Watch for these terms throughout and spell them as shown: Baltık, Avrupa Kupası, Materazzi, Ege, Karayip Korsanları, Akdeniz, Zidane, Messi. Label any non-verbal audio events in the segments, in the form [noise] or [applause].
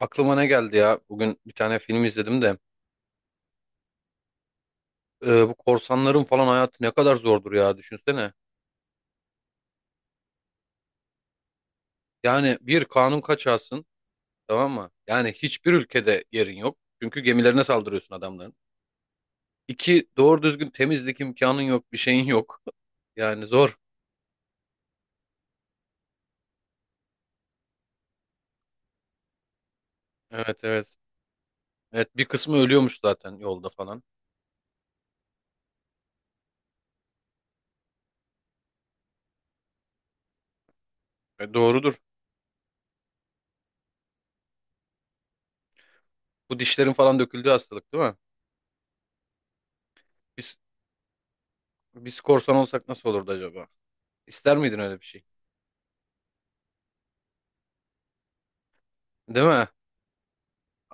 Aklıma ne geldi ya? Bugün bir tane film izledim de. Bu korsanların falan hayatı ne kadar zordur ya düşünsene. Yani bir kanun kaçağısın, tamam mı? Yani hiçbir ülkede yerin yok. Çünkü gemilerine saldırıyorsun adamların. İki doğru düzgün temizlik imkanın yok, bir şeyin yok. [laughs] Yani zor. Evet, evet. Evet, bir kısmı ölüyormuş zaten yolda falan. E, doğrudur. Bu dişlerin falan döküldüğü hastalık değil mi? Biz, biz korsan olsak nasıl olurdu acaba? İster miydin öyle bir şey? Değil mi?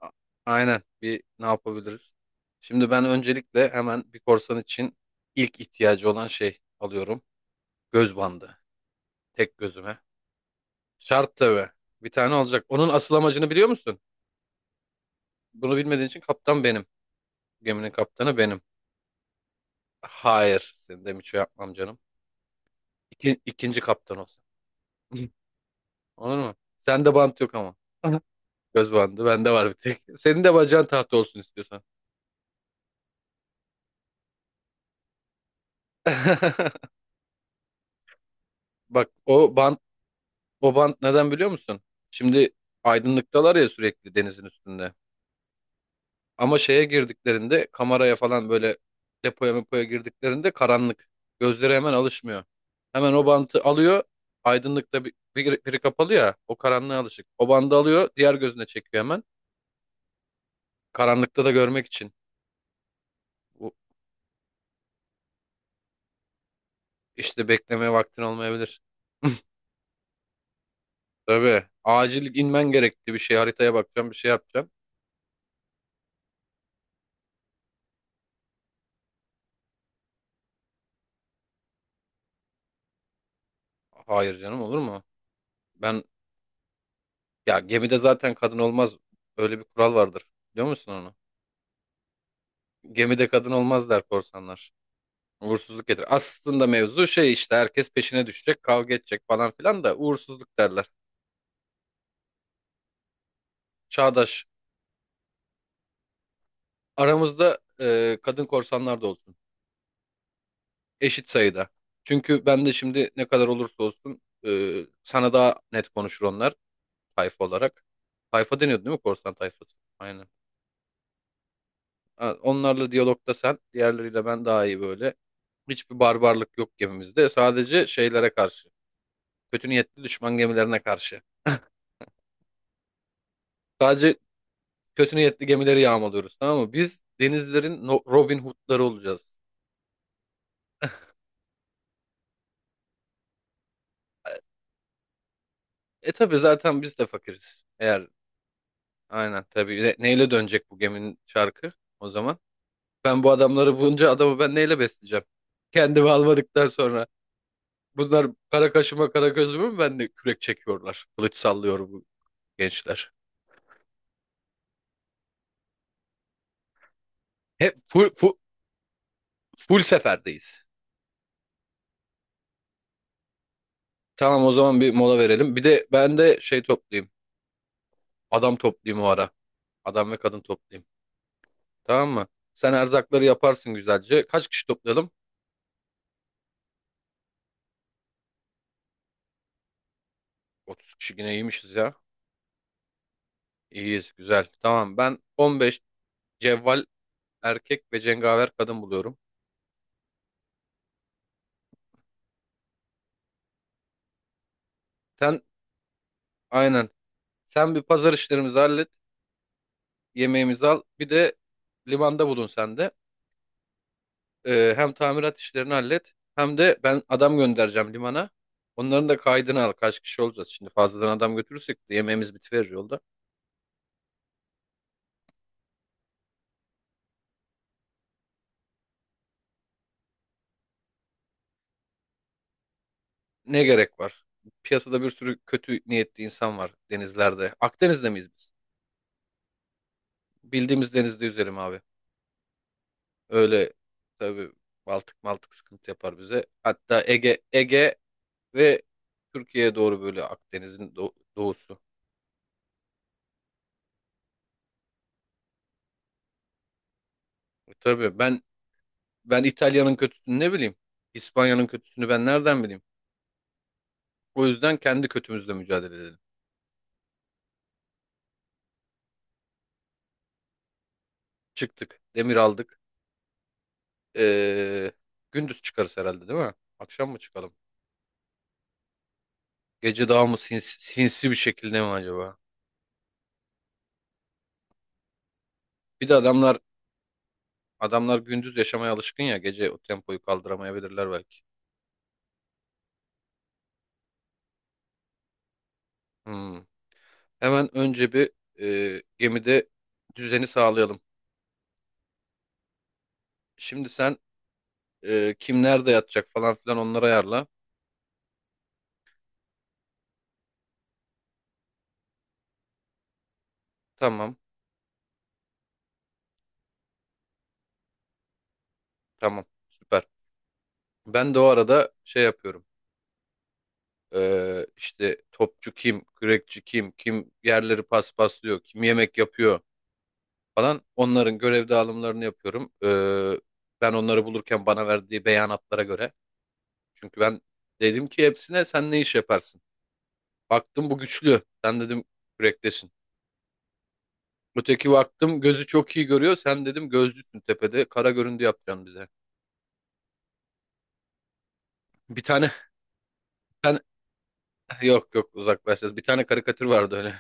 A- Aynen. Bir ne yapabiliriz? Şimdi ben öncelikle hemen bir korsan için ilk ihtiyacı olan şey alıyorum. Göz bandı. Tek gözüme. Şart tabii. Bir tane olacak. Onun asıl amacını biliyor musun? Bunu bilmediğin için kaptan benim. Geminin kaptanı benim. Hayır. Senin de miço yapmam canım. İki, ikinci kaptan olsun. [laughs] Olur mu? Sende bant yok ama. [laughs] Göz bandı. Bende var bir tek. Senin de bacağın tahta olsun istiyorsan. [laughs] Bak o bant O bant neden biliyor musun? Şimdi aydınlıktalar ya sürekli denizin üstünde. Ama şeye girdiklerinde, kameraya falan böyle, depoya mepoya girdiklerinde karanlık. Gözleri hemen alışmıyor. Hemen o bantı alıyor. Aydınlıkta biri kapalı ya, o karanlığa alışık. O bandı alıyor, diğer gözüne çekiyor hemen. Karanlıkta da görmek için. Bu işte beklemeye vaktin olmayabilir. [laughs] Tabii acil inmen gerekti, bir şey haritaya bakacağım, bir şey yapacağım. Hayır canım, olur mu? Ben Ya gemide zaten kadın olmaz. Öyle bir kural vardır. Biliyor musun onu? Gemide kadın olmaz der korsanlar. Uğursuzluk getirir. Aslında mevzu şey işte, herkes peşine düşecek, kavga edecek falan filan da uğursuzluk derler. Çağdaş, aramızda kadın korsanlar da olsun. Eşit sayıda. Çünkü ben de şimdi ne kadar olursa olsun sana daha net konuşur onlar, tayfa olarak. Tayfa deniyordu değil mi, korsan tayfası? Aynen. Ha, onlarla diyalogda sen, diğerleriyle ben, daha iyi böyle. Hiçbir barbarlık yok gemimizde. Sadece şeylere karşı. Kötü niyetli düşman gemilerine karşı. [laughs] Sadece kötü niyetli gemileri yağmalıyoruz, tamam mı? Biz denizlerin Robin Hood'ları olacağız. E e, tabii zaten biz de fakiriz. Eğer aynen, tabii. Neyle dönecek bu geminin çarkı o zaman? Ben bu adamları, bunca adamı ben neyle besleyeceğim? Kendimi almadıktan sonra bunlar kara kaşıma kara gözüme mi ben de kürek çekiyorlar? Kılıç sallıyor bu gençler. Hep full seferdeyiz. Tamam o zaman bir mola verelim. Bir de ben de şey toplayayım. Adam toplayayım o ara. Adam ve kadın toplayayım. Tamam mı? Sen erzakları yaparsın güzelce. Kaç kişi toplayalım? 30 kişi yine iyiymişiz ya. İyiyiz güzel. Tamam ben 15 cevval erkek ve cengaver kadın buluyorum. Sen aynen. Sen bir pazar işlerimizi hallet. Yemeğimizi al. Bir de limanda bulun sen de. Hem tamirat işlerini hallet, hem de ben adam göndereceğim limana. Onların da kaydını al. Kaç kişi olacağız şimdi, fazladan adam götürürsek de yemeğimiz bitiverir yolda. Ne gerek var? Piyasada bir sürü kötü niyetli insan var denizlerde. Akdeniz'de miyiz biz? Bildiğimiz denizde yüzelim abi. Öyle tabii, Baltık Maltık sıkıntı yapar bize. Hatta Ege ve Türkiye'ye doğru böyle, Akdeniz'in doğusu. E tabii ben İtalya'nın kötüsünü ne bileyim? İspanya'nın kötüsünü ben nereden bileyim? O yüzden kendi kötümüzle mücadele edelim. Çıktık. Demir aldık. Ee, gündüz çıkarız herhalde değil mi? Akşam mı çıkalım? Gece daha mı sinsi bir şekilde mi acaba? Bir de adamlar gündüz yaşamaya alışkın ya. Gece o tempoyu kaldıramayabilirler belki. Hmm. Hemen önce bir, gemide düzeni sağlayalım. Şimdi sen, kim nerede yatacak falan filan, onları ayarla. Tamam. Tamam. Süper. Ben de o arada şey yapıyorum. İşte topçu kim, kürekçi kim, kim yerleri paspaslıyor, kim yemek yapıyor falan. Onların görev dağılımlarını yapıyorum. Ben onları bulurken bana verdiği beyanatlara göre. Çünkü ben dedim ki hepsine, sen ne iş yaparsın? Baktım bu güçlü. Sen dedim kürektesin. Öteki baktım gözü çok iyi görüyor. Sen dedim gözlüsün tepede. Kara göründü yapacaksın bize. Bir tane [laughs] ben yok yok, uzaklaşacağız. Bir tane karikatür vardı öyle.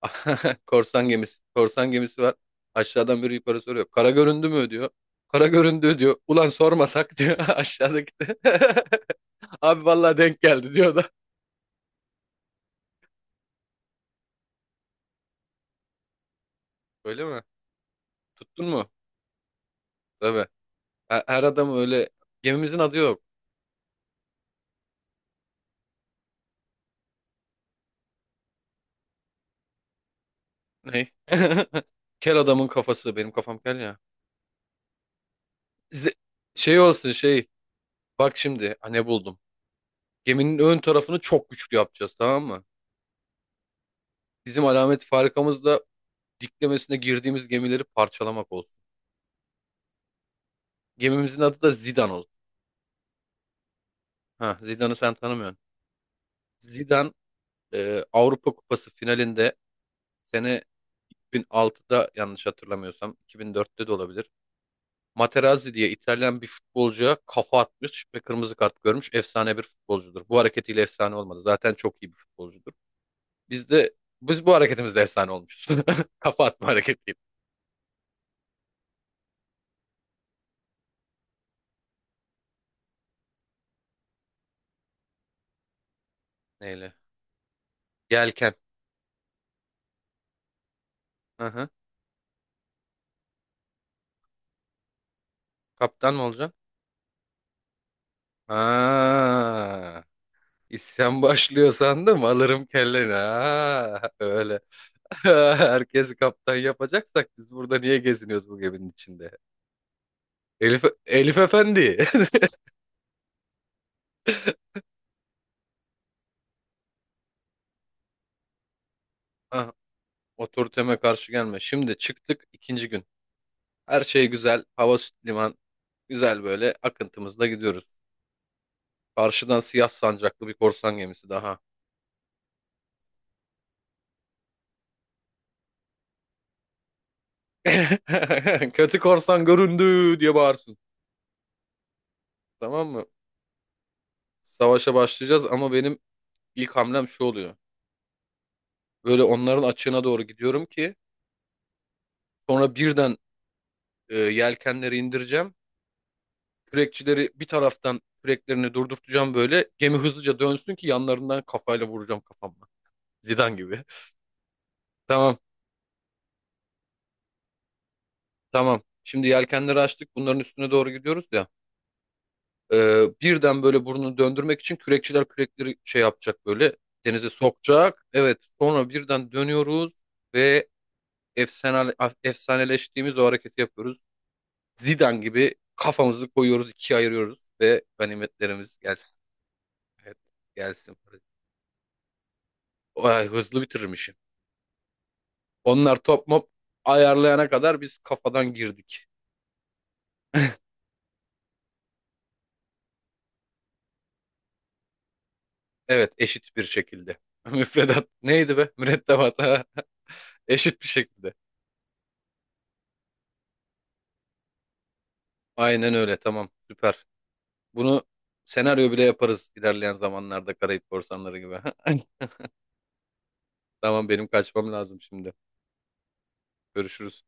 [laughs] Korsan gemisi. Korsan gemisi var. Aşağıdan biri yukarı soruyor. Kara göründü mü diyor. Kara göründü diyor. Ulan sormasak diyor [laughs] aşağıdaki de. [laughs] Abi vallahi denk geldi diyor da. Öyle mi? Tuttun mu? Tabii. Her adam öyle. Gemimizin adı yok. Ne? [laughs] Kel adamın kafası. Benim kafam kel ya. Z- Şey olsun şey. Bak şimdi. Ha, ne buldum. Geminin ön tarafını çok güçlü yapacağız, tamam mı? Bizim alamet farikamız da diklemesine girdiğimiz gemileri parçalamak olsun. Gemimizin adı da Zidane oldu. Ha, Zidane'ı sen tanımıyorsun. Zidane Avrupa Kupası finalinde, sene 2006'da, yanlış hatırlamıyorsam 2004'te de olabilir. Materazzi diye İtalyan bir futbolcuya kafa atmış ve kırmızı kart görmüş. Efsane bir futbolcudur. Bu hareketiyle efsane olmadı. Zaten çok iyi bir futbolcudur. Biz de Biz bu hareketimizle efsane olmuşuz. [laughs] Kafa atma hareketiyle. Neyle? Yelken. Hı hı. Kaptan mı olacaksın? Ha. İsyan başlıyor sandım, alırım kelleni. Ha, öyle. [laughs] Herkesi kaptan yapacaksak biz burada niye geziniyoruz bu geminin içinde? Elif Efendi. [laughs] Ah, otoriteme karşı gelme. Şimdi çıktık, ikinci gün. Her şey güzel. Hava süt liman. Güzel böyle akıntımızla gidiyoruz. Karşıdan siyah sancaklı bir korsan gemisi daha. [laughs] Kötü korsan göründü diye bağırsın. Tamam mı? Savaşa başlayacağız ama benim ilk hamlem şu oluyor. Böyle onların açığına doğru gidiyorum ki sonra birden, yelkenleri indireceğim. Kürekçileri bir taraftan küreklerini durdurtacağım böyle. Gemi hızlıca dönsün ki yanlarından kafayla vuracağım, kafamla. Zidane gibi. [laughs] Tamam, tamam. Şimdi yelkenleri açtık. Bunların üstüne doğru gidiyoruz ya. E, Birden böyle burnunu döndürmek için kürekçiler kürekleri şey yapacak böyle. Denize sokacak. Evet, sonra birden dönüyoruz ve efsane, efsaneleştiğimiz o hareketi yapıyoruz. Zidane gibi kafamızı koyuyoruz, ikiye ayırıyoruz ve ganimetlerimiz gelsin. Evet, gelsin. Ay, hızlı bitirmişim. Onlar top mop ayarlayana kadar biz kafadan girdik. Evet, eşit bir şekilde. [laughs] Müfredat neydi be? Mürettebat ha. [laughs] Eşit bir şekilde. Aynen öyle. Tamam, süper. Bunu senaryo bile yaparız ilerleyen zamanlarda, Karayip Korsanları gibi. [laughs] Tamam, benim kaçmam lazım şimdi. Görüşürüz.